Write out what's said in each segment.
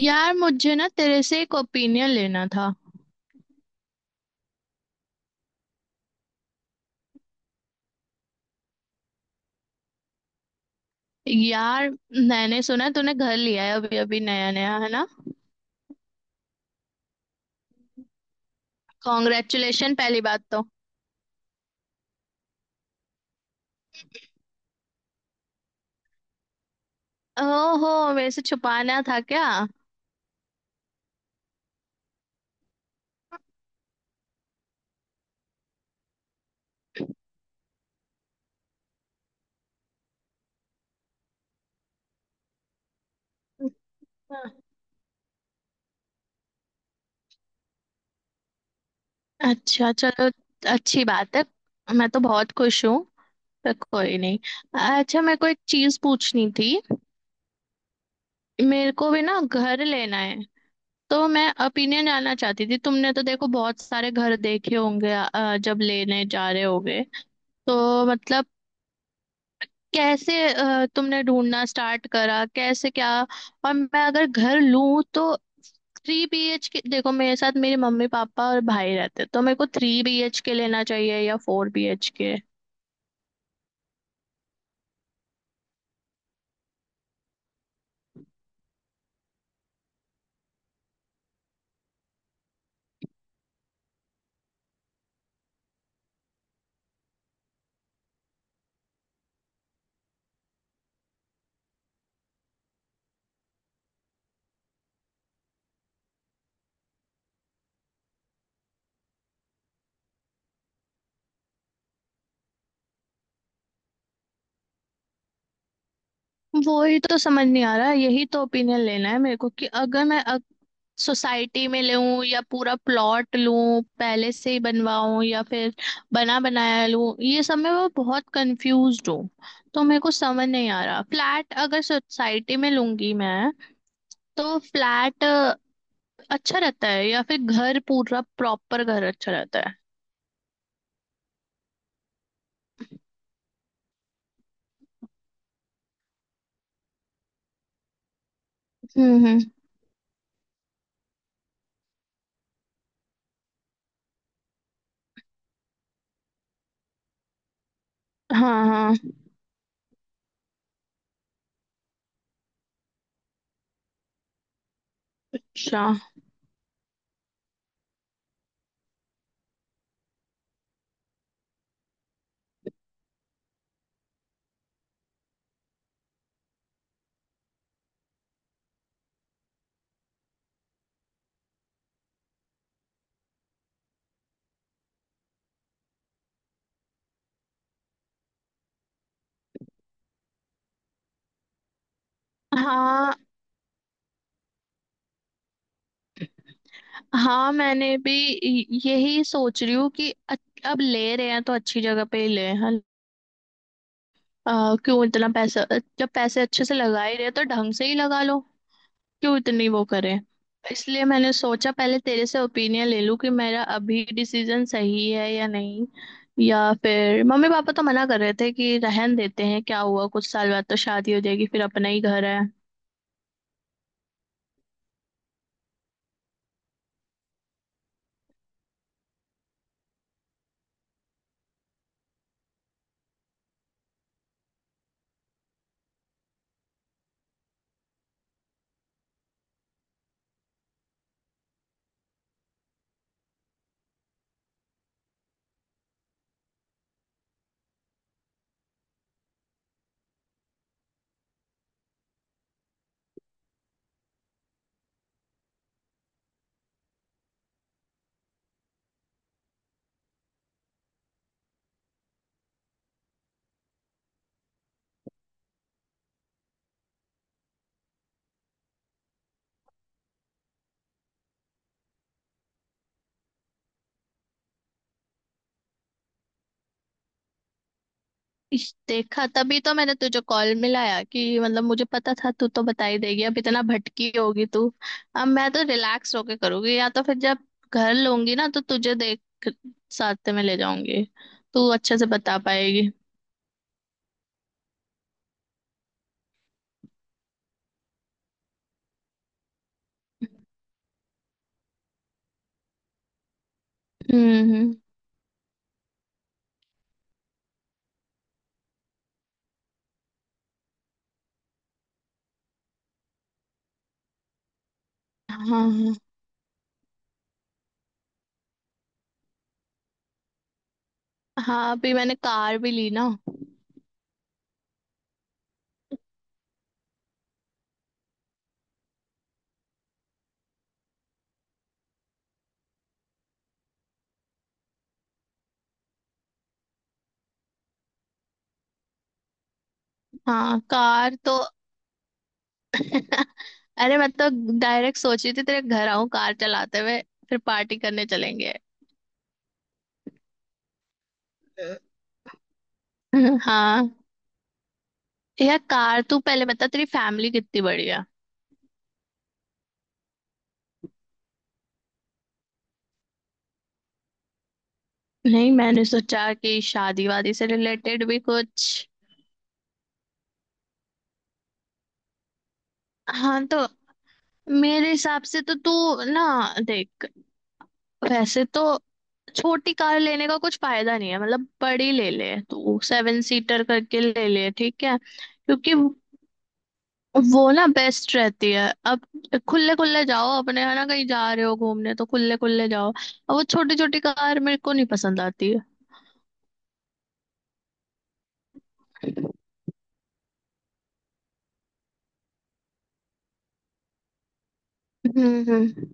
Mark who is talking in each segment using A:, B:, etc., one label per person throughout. A: यार मुझे ना तेरे से एक ओपिनियन लेना था। यार मैंने सुना है तूने घर लिया है अभी अभी नया नया है ना। कॉन्ग्रेचुलेशन पहली बात तो। ओहो मेरे से छुपाना था क्या। अच्छा चलो, अच्छी बात है। मैं तो बहुत खुश हूँ, पर कोई नहीं। अच्छा मेरे को एक चीज पूछनी थी। मेरे को भी ना घर लेना है, तो मैं ओपिनियन जानना चाहती थी। तुमने तो देखो बहुत सारे घर देखे होंगे जब लेने जा रहे होगे। तो मतलब तुमने ढूंढना स्टार्ट करा कैसे क्या। और मैं अगर घर लूं तो थ्री बी एच के, देखो मेरे साथ मेरे मम्मी पापा और भाई रहते, तो मेरे को थ्री बी एच के लेना चाहिए या फोर बी एच के। वो ही तो समझ नहीं आ रहा, यही तो ओपिनियन लेना है मेरे को कि अगर मैं सोसाइटी में लूं या पूरा प्लॉट लूं पहले से ही बनवाऊं या फिर बना बनाया लूं। ये सब में मैं बहुत कंफ्यूज हूँ। तो मेरे को समझ नहीं आ रहा फ्लैट अगर सोसाइटी में लूंगी मैं तो फ्लैट अच्छा रहता है या फिर घर पूरा प्रॉपर घर अच्छा रहता है। हम्म। हाँ हाँ। अच्छा। हाँ हाँ, मैंने भी यही सोच रही हूँ कि अब ले रहे हैं तो अच्छी जगह पे ही ले हैं। क्यों इतना पैसा, जब पैसे अच्छे से लगा ही रहे हैं, तो ढंग से ही लगा लो। क्यों इतनी वो करें। इसलिए मैंने सोचा पहले तेरे से ओपिनियन ले लूं कि मेरा अभी डिसीजन सही है या नहीं, या फिर मम्मी पापा तो मना कर रहे थे कि रहन देते हैं, क्या हुआ कुछ साल बाद तो शादी हो जाएगी फिर अपना ही घर है। इस देखा तभी तो मैंने तुझे कॉल मिलाया कि मतलब मुझे पता था तू तो बता ही देगी, अब इतना भटकी होगी तू। अब मैं तो रिलैक्स होके करूंगी, या तो फिर जब घर लूंगी ना तो तुझे देख साथ में ले जाऊंगी, तू अच्छे से बता पाएगी। हम्म। हाँ हाँ, अभी मैंने कार भी ली ना। हाँ कार तो अरे मैं तो डायरेक्ट सोच रही थी तेरे घर आऊं कार चलाते हुए, फिर पार्टी करने चलेंगे। हाँ, यार कार, तू पहले बता तेरी फैमिली कितनी बड़ी है। नहीं मैंने सोचा कि शादी वादी से रिलेटेड भी कुछ। हाँ तो मेरे हिसाब से तो तू ना देख, वैसे तो छोटी कार लेने का कुछ फायदा नहीं है, मतलब बड़ी ले ले तू, सेवन सीटर करके ले ले ठीक है, क्योंकि वो ना बेस्ट रहती है। अब खुले खुले जाओ अपने, है ना, कहीं जा रहे हो घूमने तो खुले खुले जाओ, अब वो छोटी छोटी कार मेरे को नहीं पसंद आती है। हम्म हम्म।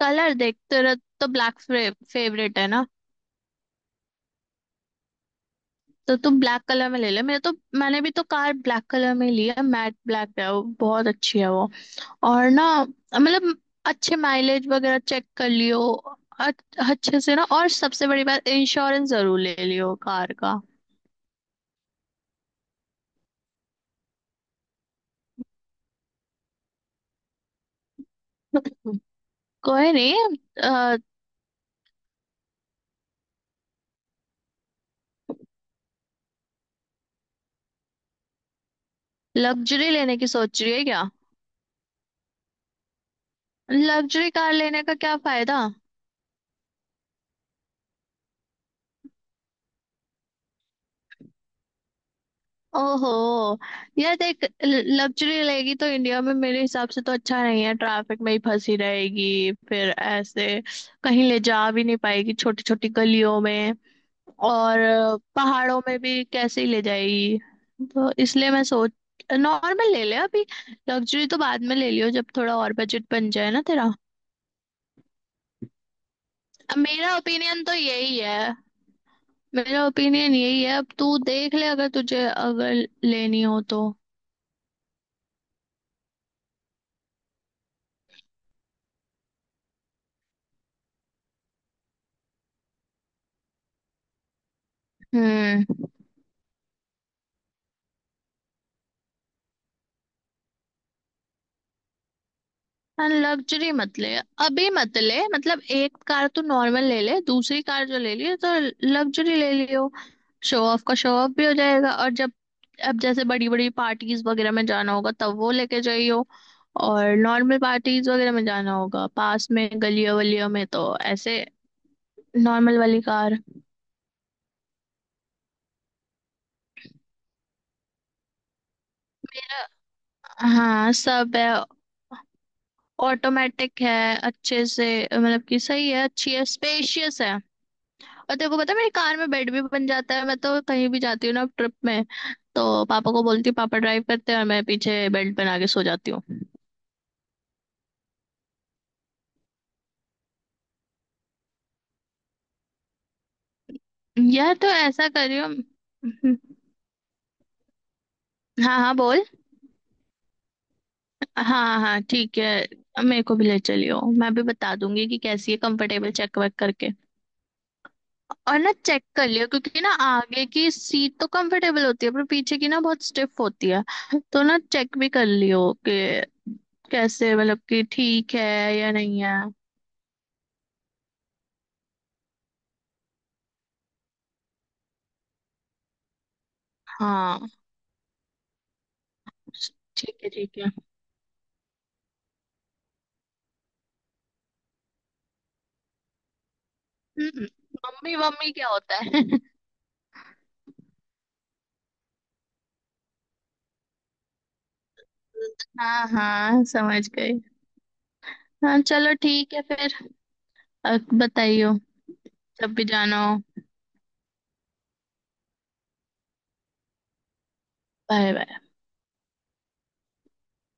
A: कलर देख तेरा तो ब्लैक फेवरेट है ना, तो तू ब्लैक कलर में ले ले। मेरे तो, मैंने भी तो कार ब्लैक कलर में ली है, मैट ब्लैक है वो, बहुत अच्छी है वो। और ना मतलब अच्छे माइलेज वगैरह चेक कर लियो। अ- अच्छे से ना, और सबसे बड़ी बात इंश्योरेंस जरूर ले लियो कार का। कोई नहीं, लग्जरी लेने की सोच रही है क्या। लग्जरी कार लेने का क्या फायदा। ओहो, यार देख लग्जरी लेगी तो इंडिया में मेरे हिसाब से तो अच्छा नहीं है, ट्रैफिक में ही फंसी रहेगी फिर ऐसे, कहीं ले जा भी नहीं पाएगी छोटी छोटी गलियों में, और पहाड़ों में भी कैसे ही ले जाएगी। तो इसलिए मैं सोच, नॉर्मल ले ले अभी, लग्जरी तो बाद में ले लियो जब थोड़ा और बजट बन जाए ना तेरा। अब मेरा ओपिनियन तो यही है। मेरा ओपिनियन यही है, अब तू देख ले अगर तुझे अगर लेनी हो तो। हम्म, लग्जरी मत ले अभी, मत ले। मतलब एक कार तो नॉर्मल ले ले, दूसरी कार जो ले लियो तो लग्जरी ले लियो। शो ऑफ का शो ऑफ भी हो जाएगा, और जब अब जैसे बड़ी बड़ी पार्टीज वगैरह में जाना होगा तब वो लेके जाइयो, और नॉर्मल पार्टीज वगैरह में जाना होगा पास में गलियों वलियों में तो ऐसे नॉर्मल वाली कार। हाँ सब है, ऑटोमेटिक है, अच्छे से, मतलब कि सही है, अच्छी है, स्पेशियस है। और तेरे को पता है मेरी कार में बेड भी बन जाता है, मैं तो कहीं भी जाती हूँ ना ट्रिप में तो पापा को बोलती हूँ पापा ड्राइव करते हैं और मैं पीछे बेल्ट बना के सो जाती हूँ। यह तो ऐसा करियो। हाँ हाँ बोल। हाँ हाँ ठीक है, मेरे को भी ले चलियो, मैं भी बता दूंगी कि कैसी है, कंफर्टेबल चेक वेक करके। और ना चेक कर लियो, क्योंकि ना आगे की सीट तो कंफर्टेबल होती है पर पीछे की ना बहुत स्टिफ होती है। तो ना चेक भी कर लियो कि कैसे, मतलब कि ठीक है या नहीं है। हाँ, ठीक है ठीक है। हम्म, मम्मी मम्मी क्या होता है। हाँ हाँ समझ गई। हाँ चलो ठीक है फिर, अब बताइयो, जब भी जाना हो। Bye bye.